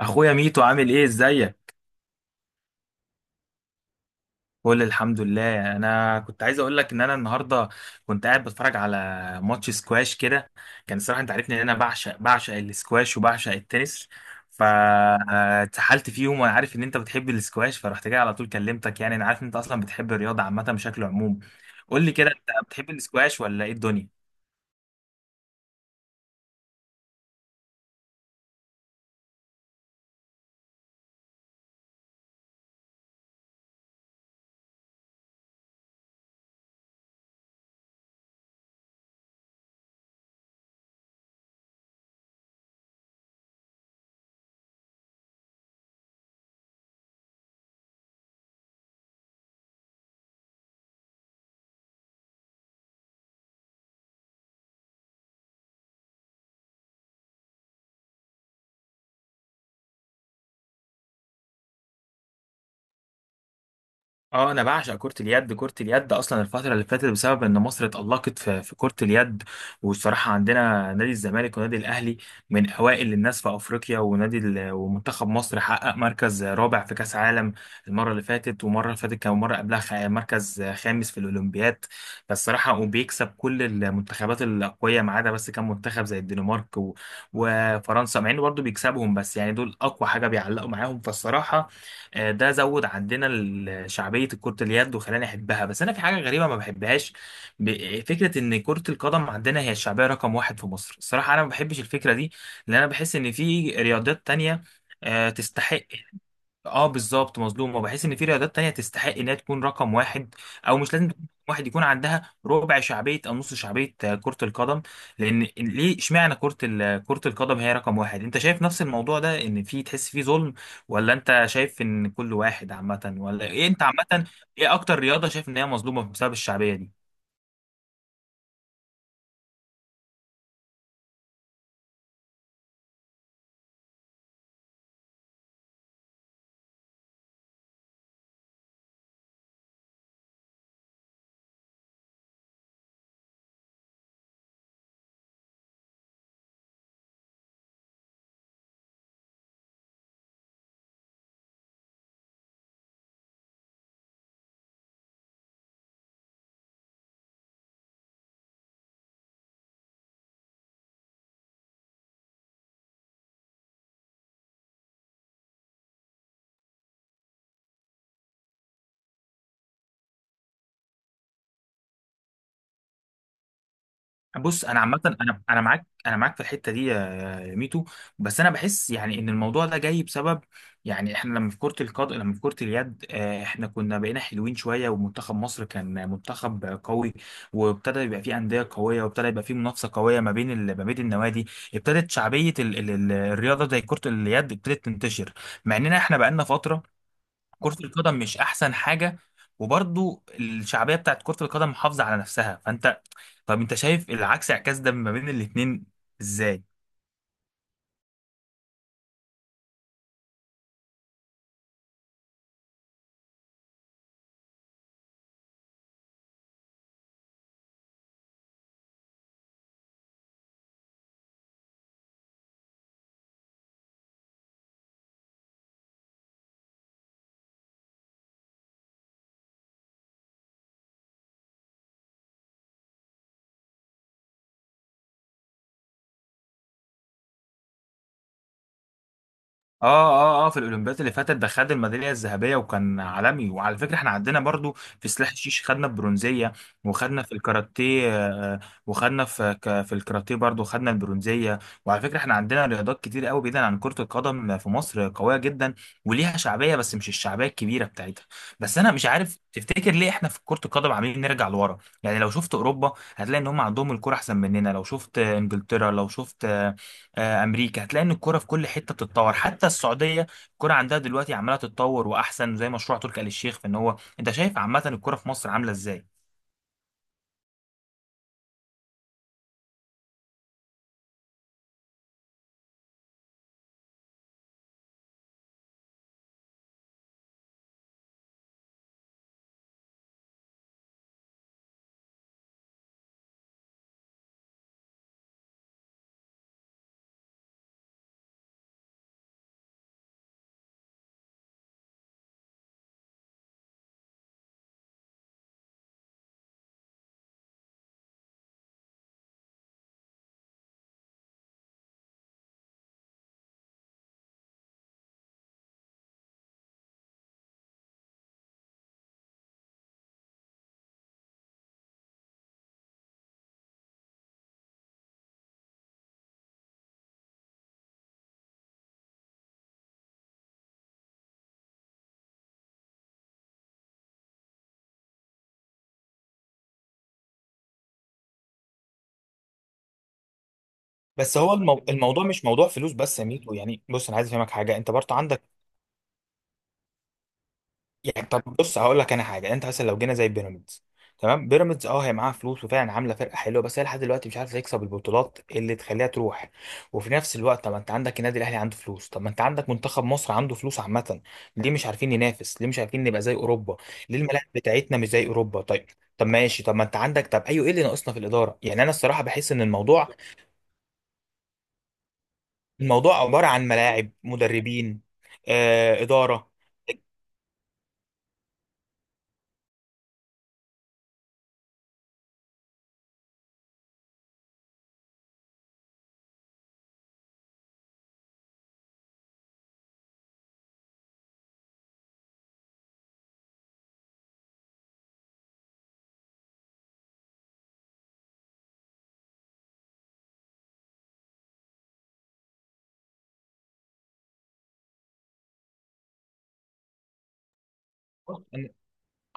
اخويا ميتو، عامل ايه؟ ازيك؟ كل الحمد لله. انا كنت عايز اقول لك ان انا النهارده كنت قاعد بتفرج على ماتش سكواش كده. كان الصراحه، انت عارفني ان انا بعشق السكواش وبعشق التنس. فاتسحلت فيهم، وانا عارف ان انت بتحب السكواش فرحت جاي على طول كلمتك. يعني انا عارف ان انت اصلا بتحب الرياضه عامه بشكل عموم. قول لي كده، انت بتحب السكواش ولا ايه الدنيا؟ اه، انا بعشق كرة اليد. كرة اليد اصلا الفترة اللي فاتت بسبب ان مصر اتألقت في كرة اليد. والصراحة، عندنا نادي الزمالك ونادي الاهلي من اوائل الناس في افريقيا، ومنتخب مصر حقق مركز رابع في كاس عالم المرة اللي فاتت. ومرة اللي فاتت كان مرة قبلها مركز خامس في الاولمبياد. فالصراحة، وبيكسب كل المنتخبات الاقوية ما عدا بس كان منتخب زي الدنمارك وفرنسا، مع انه برضه بيكسبهم بس يعني دول اقوى حاجة بيعلقوا معاهم. فالصراحة، ده زود عندنا شعبية كرة اليد وخلاني أحبها. بس أنا في حاجة غريبة ما بحبهاش. فكرة إن كرة القدم عندنا هي الشعبية رقم واحد في مصر. الصراحة أنا ما بحبش الفكرة دي، لأن أنا بحس إن في رياضات تانية تستحق. اه، بالظبط مظلومه، بحيث ان في رياضات تانية تستحق انها تكون رقم واحد. او مش لازم تكون رقم واحد، يكون عندها ربع شعبيه او نص شعبيه كره القدم. لان ليه اشمعنى كره القدم هي رقم واحد؟ انت شايف نفس الموضوع ده، ان في تحس فيه ظلم؟ ولا انت شايف ان كل واحد عامه ولا ايه انت عامه؟ ايه اكتر رياضه شايف ان هي مظلومه بسبب الشعبيه دي؟ بص، انا عامه، انا معاك، انا معاك في الحته دي يا ميتو. بس انا بحس يعني ان الموضوع ده جاي بسبب. يعني احنا لما في كره القدم، لما في كره اليد، احنا كنا بقينا حلوين شويه ومنتخب مصر كان منتخب قوي. وابتدى يبقى فيه انديه قويه، وابتدى يبقى فيه منافسه قويه ما بين النوادي. ابتدت شعبيه ال ال ال الرياضه زي كره اليد ابتدت تنتشر. مع اننا احنا بقالنا فتره. كره القدم مش احسن حاجه. وبرضو الشعبيه بتاعت كره القدم محافظه على نفسها. فانت، طب انت شايف اعكاس ده ما بين الاتنين ازاي؟ اه، اه، اه، في الاولمبياد اللي فاتت ده خد الميداليه الذهبيه وكان عالمي. وعلى فكره احنا عندنا برضو في سلاح الشيش خدنا البرونزيه. وخدنا في الكاراتيه. وخدنا في الكاراتيه برضو خدنا البرونزيه. وعلى فكره احنا عندنا رياضات كتير قوي، بعيدا عن كره القدم، في مصر قويه جدا. وليها شعبيه، بس مش الشعبيه الكبيره بتاعتها. بس انا مش عارف، تفتكر ليه احنا في كره القدم عاملين نرجع لورا؟ يعني لو شفت اوروبا هتلاقي ان هم عندهم الكره احسن مننا، لو شفت انجلترا، لو شفت امريكا، هتلاقي ان الكوره في كل حته بتتطور. حتى السعوديه الكوره عندها دلوقتي عماله تتطور، واحسن، زي مشروع تركي آل الشيخ. فان هو انت شايف عامه الكوره في مصر عامله ازاي؟ بس هو الموضوع مش موضوع فلوس بس يا ميتو. يعني بص، انا عايز افهمك حاجه، انت برضه عندك. يعني طب بص، هقول لك انا حاجه، انت مثلا لو جينا زي بيراميدز. تمام، بيراميدز اه هي معاها فلوس، وفعلا عامله فرقه حلوه، بس هي لحد دلوقتي مش عارفه تكسب البطولات اللي تخليها تروح. وفي نفس الوقت، طب ما انت عندك النادي الاهلي عنده فلوس، طب ما انت عندك منتخب مصر عنده فلوس عامه. ليه مش عارفين ننافس؟ ليه مش عارفين نبقى زي اوروبا؟ ليه الملاعب بتاعتنا مش زي اوروبا؟ طيب. طب ماشي، طب ما انت عندك، طب ايوه، ايه اللي ناقصنا في الاداره؟ يعني انا الصراحه بحس ان الموضوع عباره عن ملاعب، مدربين، اداره.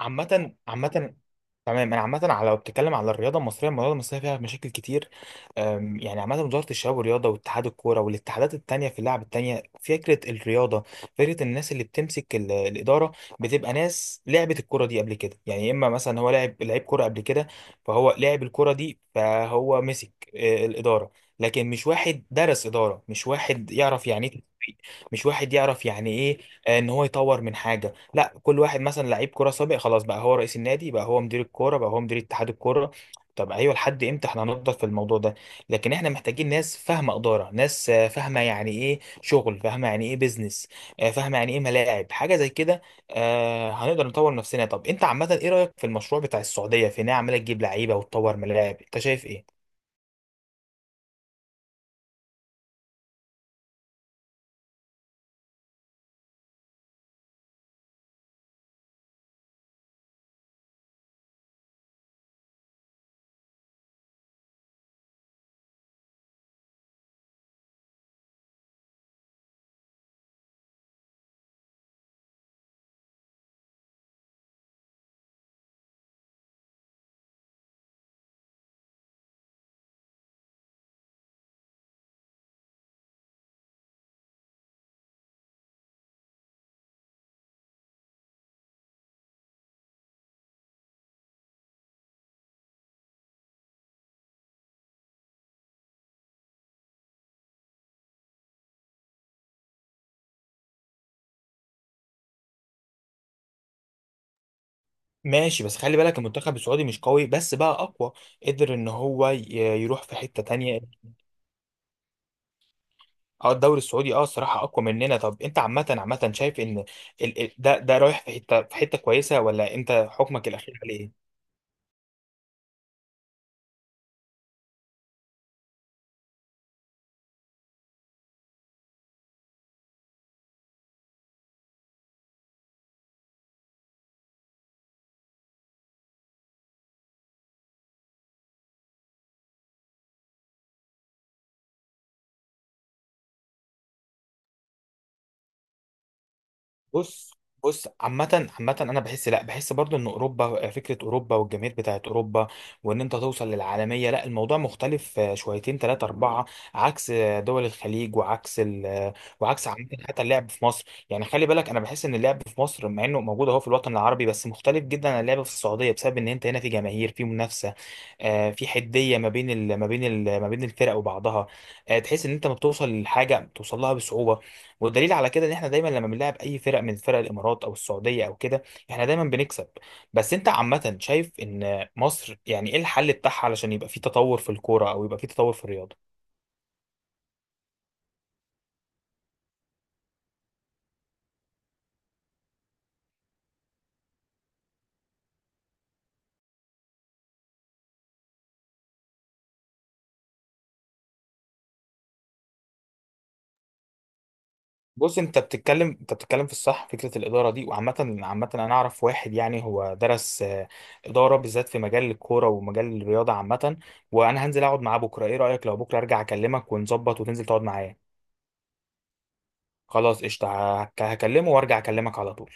عامة، عامة، تمام انا عامة لو بتتكلم على الرياضة المصرية، الرياضة المصرية فيها مشاكل كتير. يعني عامة وزارة الشباب والرياضة واتحاد الكورة والاتحادات التانية في اللعب التانية، فكرة الرياضة. فكرة الناس اللي بتمسك الإدارة، بتبقى ناس لعبت الكورة دي قبل كده. يعني إما مثلا هو لعب لعيب كورة قبل كده، فهو لعب الكورة دي، فهو مسك الإدارة. لكن مش واحد درس إدارة، مش واحد يعرف يعني إيه، مش واحد يعرف يعني ايه ان هو يطور من حاجه. لا، كل واحد مثلا لعيب كوره سابق، خلاص بقى هو رئيس النادي، بقى هو مدير الكوره، بقى هو مدير اتحاد الكوره. طب ايوه، لحد امتى احنا هنفضل في الموضوع ده؟ لكن احنا محتاجين ناس فاهمه اداره، ناس فاهمه يعني ايه شغل، فاهمه يعني ايه بيزنس، فاهمه يعني ايه ملاعب حاجه زي كده. هنقدر نطور نفسنا. طب انت عامه ايه رايك في المشروع بتاع السعوديه في ان هي عماله تجيب لعيبه وتطور ملاعب؟ انت شايف ايه؟ ماشي، بس خلي بالك المنتخب السعودي مش قوي بس بقى اقوى، قدر ان هو يروح في حتة تانية. اه، الدوري السعودي الصراحة اقوى مننا. طب انت عامة، عامة، شايف ان ده رايح في حتة كويسة، ولا انت حكمك الاخير عليه إيه؟ بص، بص، عامة، عامة، أنا بحس، لأ، بحس برضو إن أوروبا، فكرة أوروبا والجماهير بتاعت أوروبا، وإن أنت توصل للعالمية، لأ الموضوع مختلف شويتين تلاتة أربعة، عكس دول الخليج، وعكس ال آه، وعكس عامة حتى اللعب في مصر. يعني خلي بالك، أنا بحس إن اللعب في مصر، مع إنه موجود أهو في الوطن العربي، بس مختلف جدا عن اللعب في السعودية، بسبب إن أنت هنا في جماهير، في منافسة، في حدية ما بين الفرق وبعضها. تحس إن أنت ما بتوصل لحاجة، بتوصل لها بصعوبة. والدليل على كده ان احنا دايما لما بنلعب اي فرق من فرق الامارات او السعوديه او كده، احنا دايما بنكسب. بس انت عامه شايف ان مصر يعني ايه الحل بتاعها علشان يبقى في تطور في الكوره، او يبقى في تطور في الرياضه؟ بص، انت بتتكلم في الصح، فكره الاداره دي، وعامه، عامه انا اعرف واحد، يعني هو درس اداره بالذات في مجال الكوره ومجال الرياضه عامه. وانا هنزل اقعد معاه بكره. ايه رايك لو بكره ارجع اكلمك ونظبط وتنزل تقعد معايا؟ خلاص، قشطه. هكلمه وارجع اكلمك على طول.